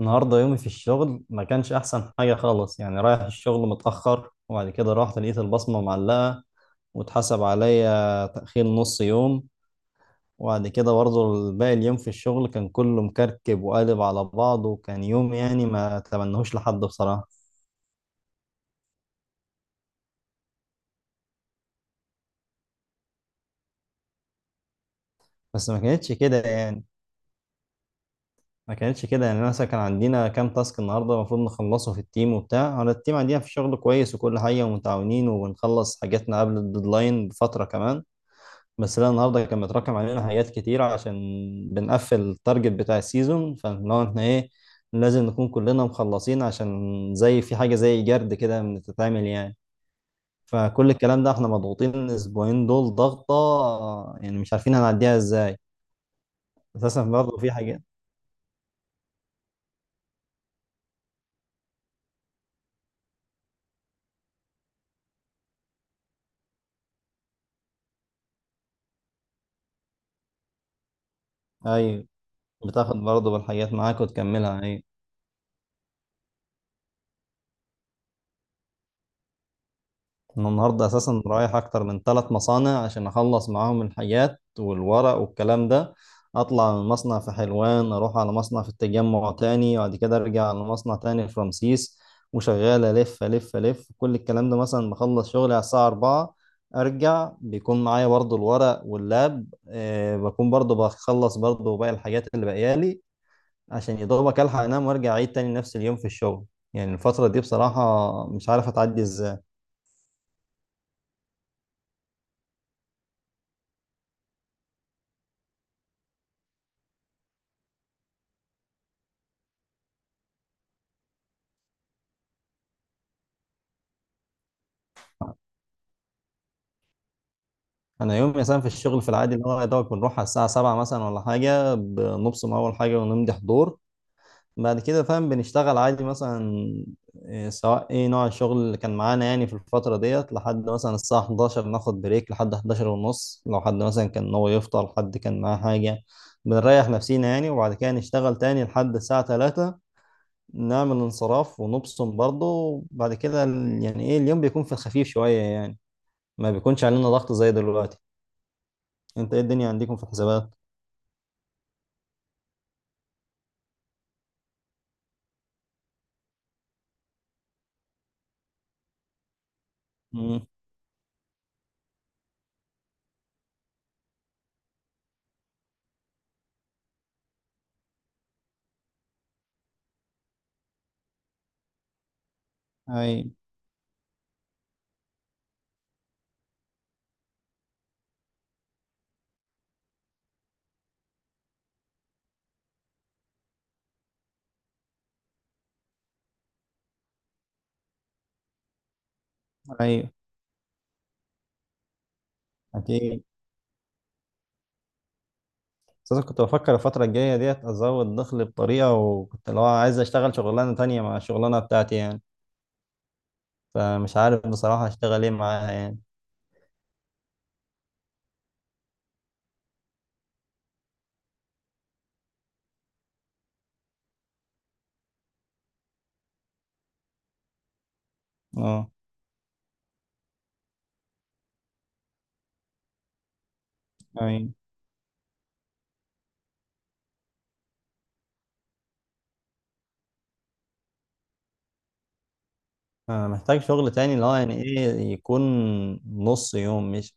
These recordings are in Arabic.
النهارده يومي في الشغل ما كانش احسن حاجه خالص، يعني رايح الشغل متاخر. وبعد كده رحت لقيت البصمه معلقه واتحسب عليا تاخير نص يوم. وبعد كده برضه باقي اليوم في الشغل كان كله مكركب وقالب على بعضه، وكان يوم يعني ما اتمنهوش لحد بصراحه. بس ما كانتش كده يعني. أنا مثلا كان عندنا كام تاسك النهارده المفروض نخلصه في التيم، وبتاع على التيم عندنا في الشغل كويس وكل حاجه ومتعاونين وبنخلص حاجاتنا قبل الديدلاين بفتره كمان. بس لا، النهارده كان متراكم علينا حاجات كتيرة عشان بنقفل التارجت بتاع السيزون. فلو احنا ايه، لازم نكون كلنا مخلصين عشان زي في حاجة زي جرد كده بتتعمل يعني. فكل الكلام ده احنا مضغوطين الاسبوعين دول ضغطة، يعني مش عارفين هنعديها ازاي. اساسا برضه في حاجات. ايوه، بتاخد برضه بالحاجات معاك وتكملها، ايوه. انا النهارده اساسا رايح اكتر من ثلاث مصانع عشان اخلص معاهم الحاجات والورق والكلام ده. اطلع من مصنع في حلوان، اروح على مصنع في التجمع تاني، وبعد كده ارجع على مصنع تاني في رمسيس. وشغال الف الف الف. كل الكلام ده مثلا بخلص شغلي على الساعه 4، ارجع بيكون معايا برضو الورق واللاب بكون برضو بخلص برضو باقي الحاجات اللي باقيالي عشان يا دوبك الحق انام وارجع اعيد تاني نفس اليوم في الشغل. يعني الفترة دي بصراحة مش عارف اتعدي ازاي. انا يوم مثلا في الشغل في العادي اللي هو يا دوبك بنروح على الساعه 7 مثلا ولا حاجه، بنبصم اول حاجه ونمضي حضور. بعد كده فاهم بنشتغل عادي مثلا، سواء ايه نوع الشغل اللي كان معانا يعني في الفتره ديت لحد مثلا الساعه 11، ناخد بريك لحد 11 ونص. لو حد مثلا كان هو يفطر، حد كان معاه حاجه، بنريح نفسينا يعني. وبعد كده نشتغل تاني لحد الساعه 3، نعمل انصراف ونبصم برضه. وبعد كده يعني ايه، اليوم بيكون في الخفيف شويه يعني، ما بيكونش علينا ضغط زي دلوقتي. انت ايه الدنيا عندكم في الحسابات؟ امم ايوه، ايوه، اكيد. اساسا كنت بفكر الفتره الجايه ديت ازود دخل بطريقه، وكنت لو عايز اشتغل شغلانه تانية مع الشغلانه بتاعتي يعني. فمش عارف بصراحه اشتغل ايه معاها يعني. اه، ايوه. أنا محتاج شغل تاني اللي هو يعني ايه، يكون نص يوم مش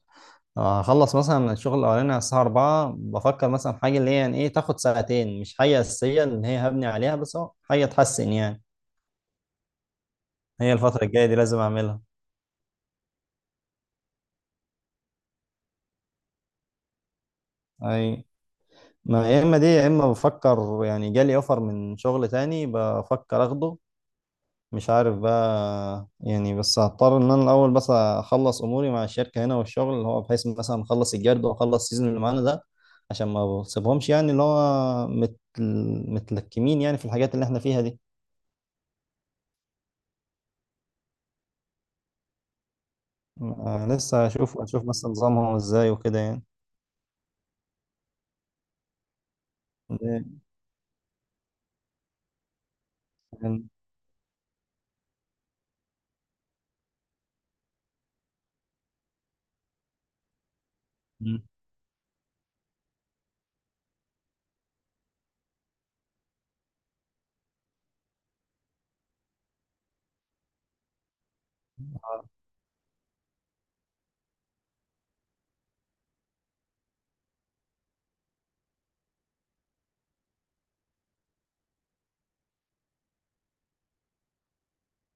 آه، هخلص مثلا الشغل الاولاني على الساعه 4. بفكر مثلا في حاجه اللي هي يعني ايه، تاخد ساعتين، مش حاجه اساسيه اللي هي هبني عليها، بس هو حاجه تحسن يعني. هي الفتره الجايه دي لازم اعملها. ايوه، ما يا اما دي يا اما بفكر يعني جالي اوفر من شغل تاني، بفكر اخده. مش عارف بقى يعني، بس هضطر ان انا الاول بس اخلص اموري مع الشركه هنا والشغل اللي هو، بحيث مثلا اخلص الجرد واخلص السيزون اللي معانا ده عشان ما بسيبهمش يعني اللي هو متلكمين يعني في الحاجات اللي احنا فيها دي. لسه اشوف مثلا نظامهم ازاي وكده يعني. ده- يعني- مم.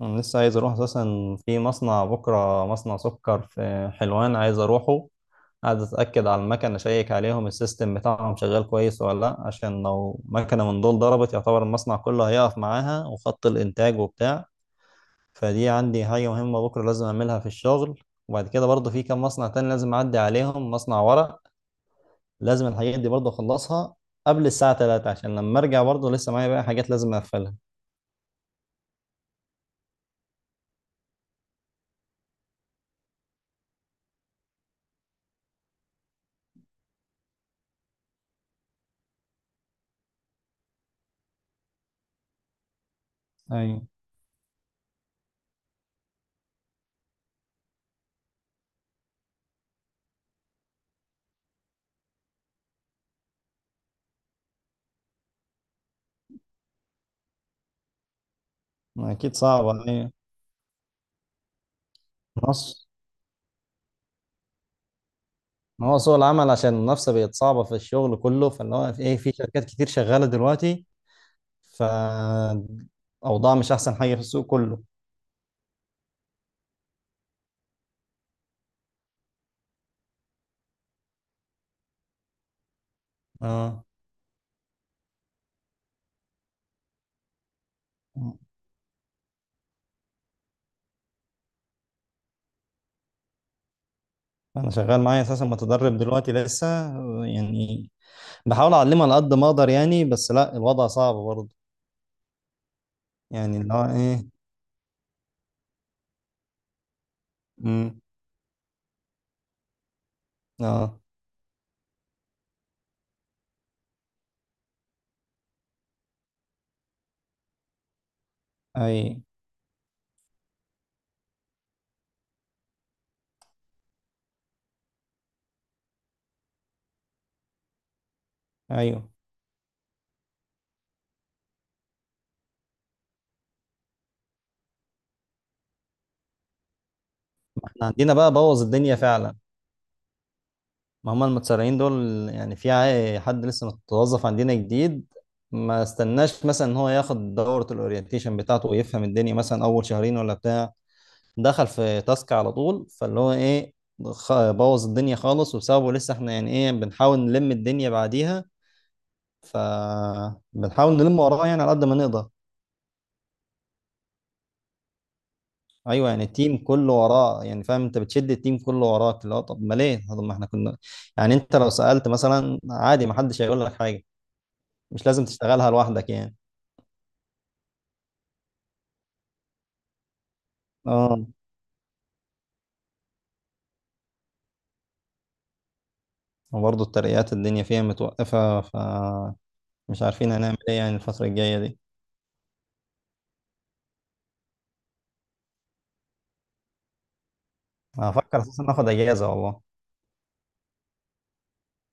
انا لسه عايز اروح اساسا في مصنع بكره، مصنع سكر في حلوان عايز اروحه. قاعد اتاكد على المكنه، اشيك عليهم السيستم بتاعهم شغال كويس ولا لا، عشان لو مكنه من دول ضربت يعتبر المصنع كله هيقف معاها وخط الانتاج وبتاع. فدي عندي حاجه مهمه بكره لازم اعملها في الشغل. وبعد كده برضه في كام مصنع تاني لازم اعدي عليهم، مصنع ورق لازم الحاجات دي برضه اخلصها قبل الساعه 3، عشان لما ارجع برضه لسه معايا بقى حاجات لازم اقفلها. ايوه، اكيد صعبه، ايوه. نص. ما هو سوق العمل عشان المنافسه بقت صعبه في الشغل كله، فاللي هو في ايه، في شركات كتير شغاله دلوقتي. فأوضاع مش أحسن حاجة في السوق كله. اه. أنا شغال معايا أساسا متدرب دلوقتي لسه يعني، بحاول أعلمه على قد ما أقدر يعني. بس لا الوضع صعب برضه. يعني اللي هو إيه. امم اه. اي. ايوه. احنا عندنا بقى بوظ الدنيا فعلا. ما هم المتسرعين دول. يعني في حد لسه متوظف عندنا جديد، ما استناش مثلا ان هو ياخد دورة الاورينتيشن بتاعته ويفهم الدنيا مثلا اول شهرين ولا بتاع. دخل في تاسك على طول، فاللي هو ايه، بوظ الدنيا خالص. وبسببه لسه احنا يعني ايه بنحاول نلم الدنيا بعديها. ف بنحاول نلم وراه يعني على قد ما نقدر. ايوه، يعني التيم كله وراه يعني فاهم. انت بتشد التيم كله وراك اللي هو، طب ما ليه؟ طب ما احنا كنا يعني، انت لو سألت مثلا عادي ما حدش هيقول لك حاجة. مش لازم تشتغلها لوحدك يعني. اه. وبرضه الترقيات الدنيا فيها متوقفة. مش عارفين هنعمل ايه يعني الفترة الجاية دي. هفكر اساسا اخد اجازة والله.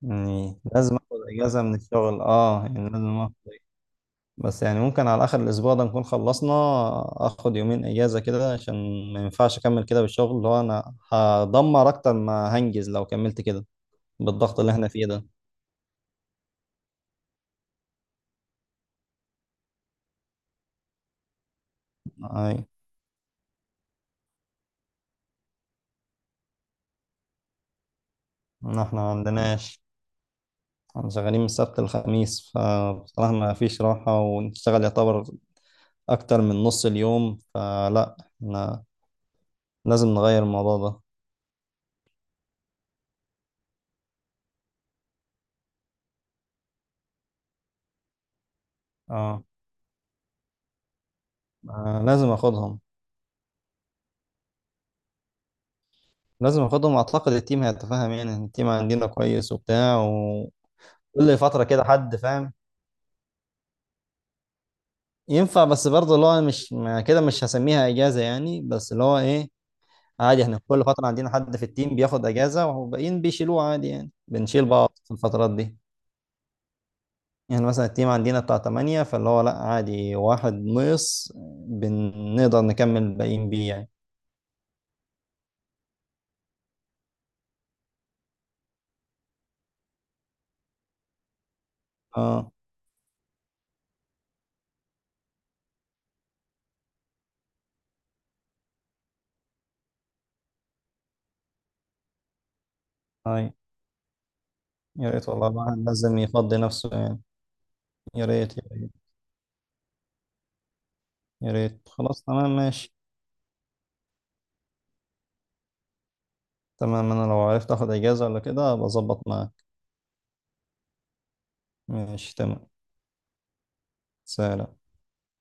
يعني لازم اخد اجازه من الشغل، اه يعني لازم اخد. بس يعني ممكن على اخر الاسبوع ده نكون خلصنا، اخد يومين اجازه كده عشان ما ينفعش اكمل كده بالشغل اللي هو انا هدمر اكتر ما هنجز لو كملت كده بالضغط اللي احنا فيه ده. اي، إن احنا ما عندناش. احنا شغالين من السبت للخميس، فبصراحه ما فيش راحه ونشتغل يعتبر اكتر من نص اليوم. فلا احنا لازم نغير الموضوع ده. اه. لازم اخدهم. لازم اخدهم، اعتقد التيم هيتفاهم. يعني التيم عندنا كويس وبتاع، وكل فتره كده حد فاهم. ينفع، بس برضه اللي هو مش، ما كده مش هسميها اجازه يعني، بس اللي هو ايه عادي. احنا كل فتره عندنا حد في التيم بياخد اجازه والباقيين بيشيلوه عادي، يعني بنشيل بعض في الفترات دي. يعني مثلا التيم عندنا بتاع 8، فاللي هو لا عادي واحد نقص بنقدر نكمل الباقيين بيه يعني. اه. هاي، يا ريت والله، الواحد لازم يفضي نفسه يعني. يا ريت، يا ريت. يا ريت، خلاص تمام ماشي. تمام، انا لو عرفت اخد اجازة ولا كده ابقى اظبط معاك. ماشي، تمام. سلام.